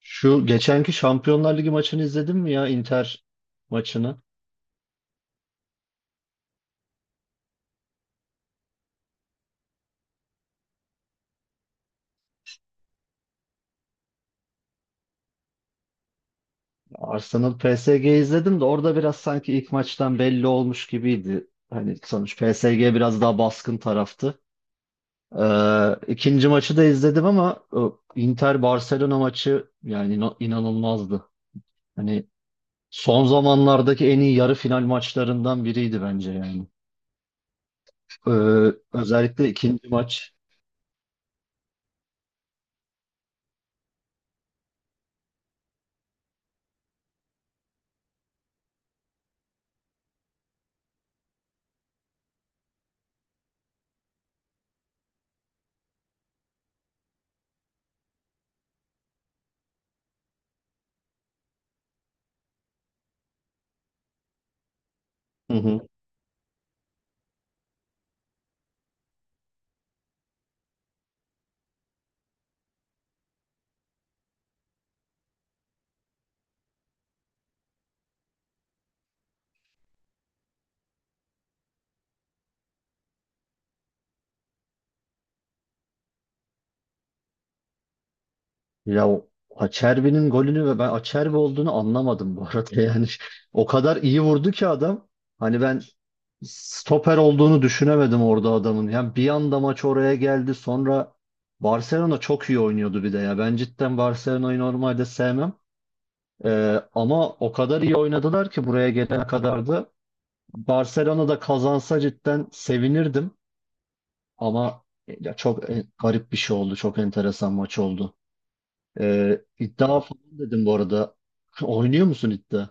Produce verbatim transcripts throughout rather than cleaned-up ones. Şu geçenki Şampiyonlar Ligi maçını izledin mi ya Inter maçını? Arsenal P S G izledim de orada biraz sanki ilk maçtan belli olmuş gibiydi. Hani sonuç P S G biraz daha baskın taraftı. Ee, ikinci maçı da izledim ama e, Inter Barcelona maçı yani ino- inanılmazdı. Hani son zamanlardaki en iyi yarı final maçlarından biriydi bence yani. Ee, Özellikle ikinci maç. Hı hı. Ya o Acerbi'nin golünü ve ben Acerbi olduğunu anlamadım bu arada yani. O kadar iyi vurdu ki adam. Hani ben stoper olduğunu düşünemedim orada adamın. Yani bir anda maç oraya geldi. Sonra Barcelona çok iyi oynuyordu bir de ya. Ben cidden Barcelona'yı normalde sevmem. Ee, ama o kadar iyi oynadılar ki buraya gelene kadar da Barcelona da kazansa cidden sevinirdim. Ama ya çok e, garip bir şey oldu. Çok enteresan maç oldu. Ee, iddia falan dedim bu arada. Oynuyor musun iddia?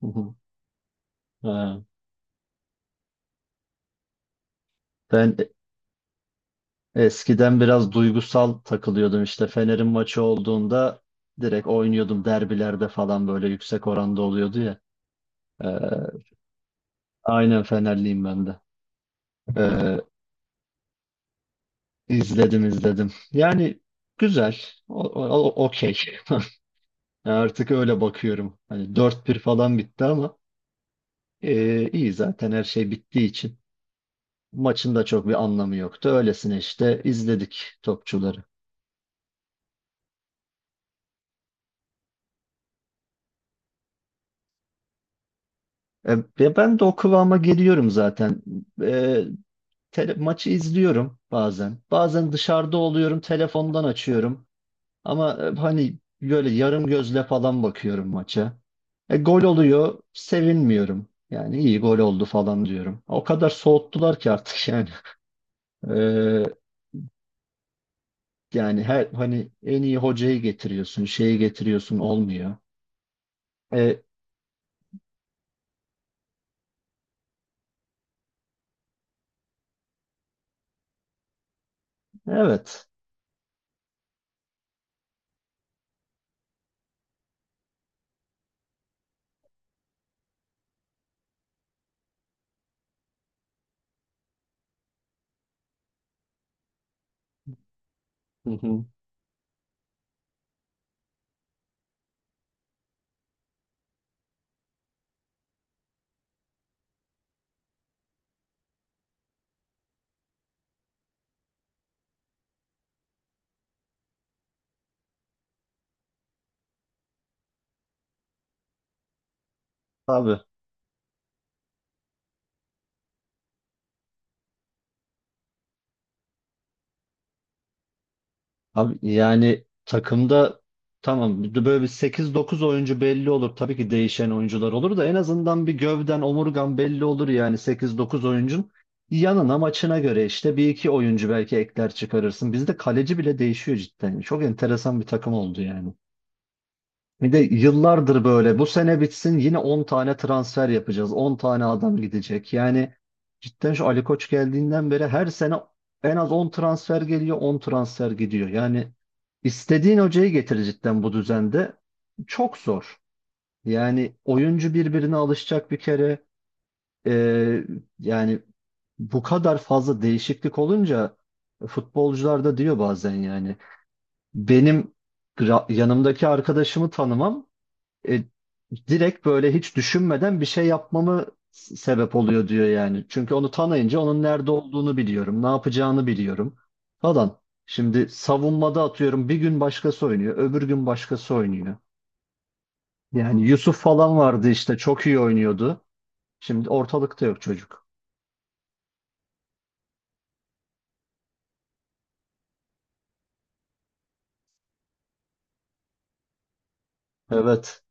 Hı hı. Ha. Ben e- eskiden biraz duygusal takılıyordum işte. Fener'in maçı olduğunda direkt oynuyordum. Derbilerde falan böyle yüksek oranda oluyordu ya. Ee, aynen Fenerliyim ben de. Ee, izledim izledim. Yani güzel. O, o- okey. Artık öyle bakıyorum. Hani dört bir falan bitti ama ee, iyi zaten her şey bittiği için. Maçın da çok bir anlamı yoktu. Öylesine işte izledik topçuları. E, ve ben de o kıvama geliyorum zaten. E, tele- maçı izliyorum bazen. Bazen dışarıda oluyorum, telefondan açıyorum. Ama e, hani böyle yarım gözle falan bakıyorum maça. E, gol oluyor, sevinmiyorum. Yani iyi gol oldu falan diyorum. O kadar soğuttular ki artık yani. E, Yani her hani en iyi hocayı getiriyorsun, şeyi getiriyorsun olmuyor. E, evet. Hı hı. Abi, abi yani takımda tamam bir de böyle bir sekiz dokuz oyuncu belli olur. Tabii ki değişen oyuncular olur da en azından bir gövden omurgan belli olur yani sekiz dokuz oyuncun yanına maçına göre işte bir iki oyuncu belki ekler çıkarırsın. Bizde kaleci bile değişiyor cidden. Çok enteresan bir takım oldu yani. Bir de yıllardır böyle. Bu sene bitsin yine on tane transfer yapacağız. On tane adam gidecek. Yani cidden şu Ali Koç geldiğinden beri her sene en az on transfer geliyor, on transfer gidiyor. Yani istediğin hocayı getir cidden bu düzende. Çok zor. Yani oyuncu birbirine alışacak bir kere. Ee, Yani bu kadar fazla değişiklik olunca futbolcular da diyor bazen yani. Benim ra- yanımdaki arkadaşımı tanımam e, direkt böyle hiç düşünmeden bir şey yapmamı s- sebep oluyor diyor yani. Çünkü onu tanıyınca onun nerede olduğunu biliyorum, ne yapacağını biliyorum falan. Şimdi savunmada atıyorum bir gün başkası oynuyor, öbür gün başkası oynuyor. Yani Yusuf falan vardı işte çok iyi oynuyordu. Şimdi ortalıkta yok çocuk. Evet.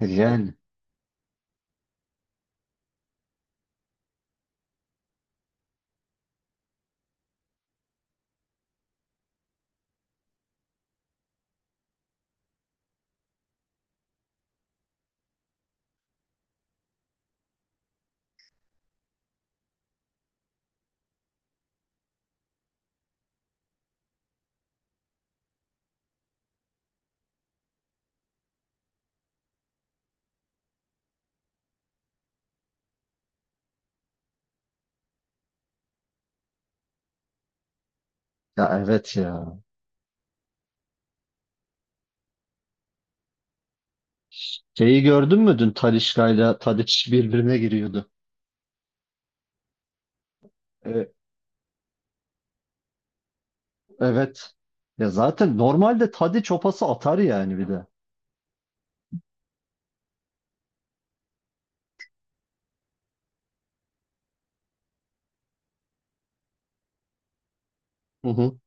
Yani. Ya evet ya. Şeyi gördün mü dün Talisca'yla Tadiç birbirine giriyordu. E, evet. Ya zaten normalde Tadiç o pası atar yani bir de. Hı hı.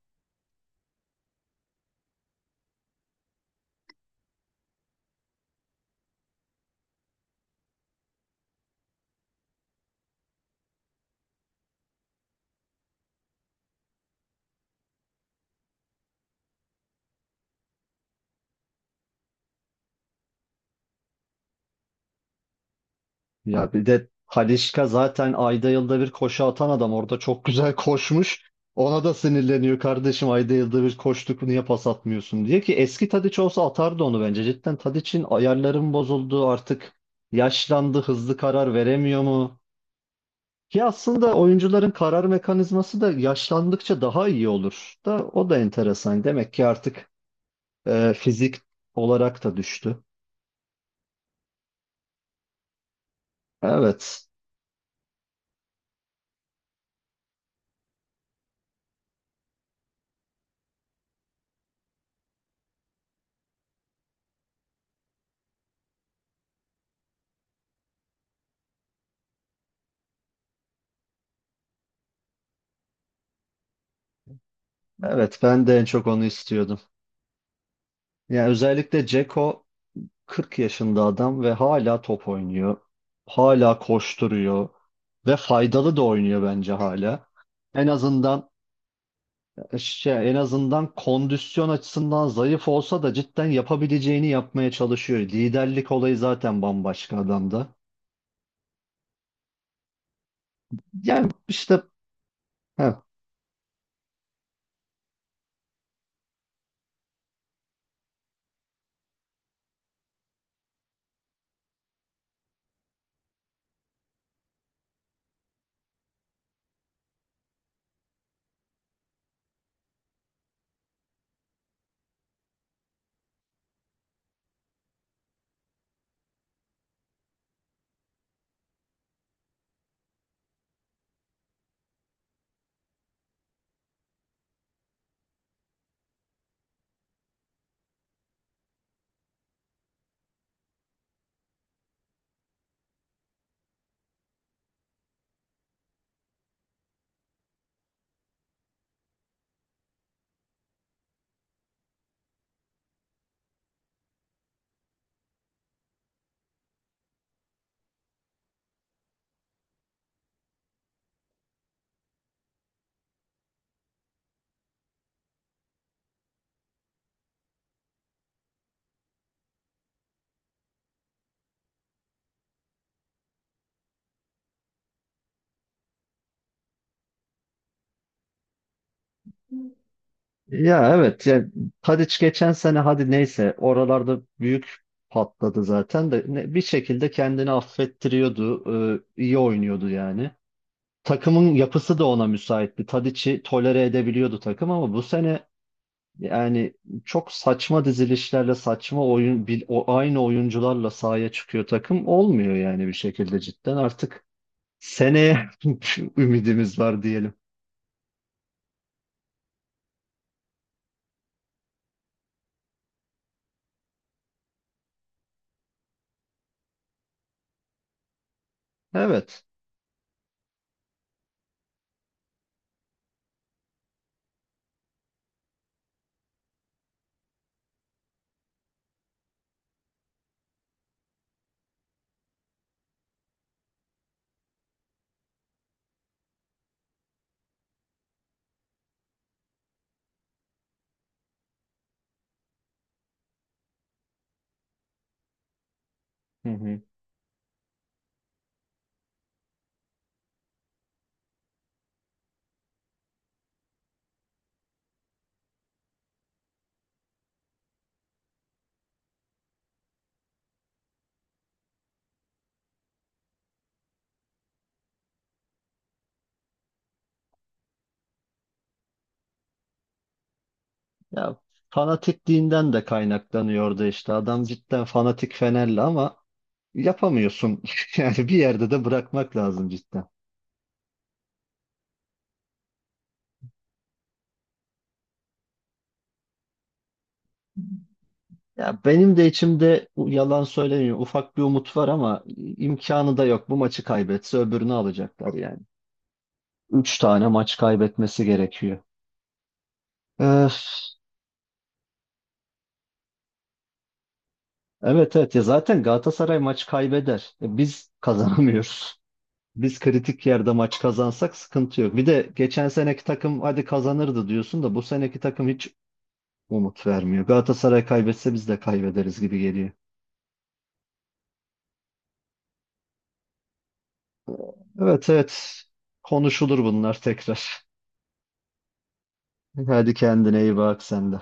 Ya bir de Halişka zaten ayda yılda bir koşu atan adam orada çok güzel koşmuş. Ona da sinirleniyor kardeşim, ayda yılda bir koştuk niye pas atmıyorsun diye ki eski Tadiç olsa atardı onu bence. Cidden Tadiç'in ayarların bozuldu, artık yaşlandı, hızlı karar veremiyor mu? Ki aslında oyuncuların karar mekanizması da yaşlandıkça daha iyi olur, da o da enteresan. Demek ki artık e, fizik olarak da düştü. Evet, evet, ben de en çok onu istiyordum. Yani özellikle Ceko kırk yaşında adam ve hala top oynuyor. Hala koşturuyor ve faydalı da oynuyor bence hala. En azından şey, en azından kondisyon açısından zayıf olsa da cidden yapabileceğini yapmaya çalışıyor. Liderlik olayı zaten bambaşka adamda. Yani işte heh, ya evet yani Tadic geçen sene hadi neyse oralarda büyük patladı zaten de ne- bir şekilde kendini affettiriyordu. e, iyi oynuyordu yani. Takımın yapısı da ona müsaitti. Tadiç'i tolere edebiliyordu takım ama bu sene yani çok saçma dizilişlerle saçma oyun bil- o aynı oyuncularla sahaya çıkıyor takım olmuyor yani bir şekilde cidden artık seneye ümidimiz var diyelim. Evet. Hı hı. Ya fanatikliğinden de kaynaklanıyordu işte. Adam cidden fanatik Fenerli ama yapamıyorsun. Yani bir yerde de bırakmak lazım cidden. Ya benim de içimde u- yalan söylemiyorum. Ufak bir umut var ama imkanı da yok. Bu maçı kaybetse öbürünü alacaklar yani. Üç tane maç kaybetmesi gerekiyor. Öf. Evet, evet, ya zaten Galatasaray maç kaybeder. E, Biz kazanamıyoruz. Biz kritik yerde maç kazansak sıkıntı yok. Bir de geçen seneki takım hadi kazanırdı diyorsun da bu seneki takım hiç umut vermiyor. Galatasaray kaybetse biz de kaybederiz gibi geliyor. Evet, evet, konuşulur bunlar tekrar. Hadi kendine iyi bak sen de.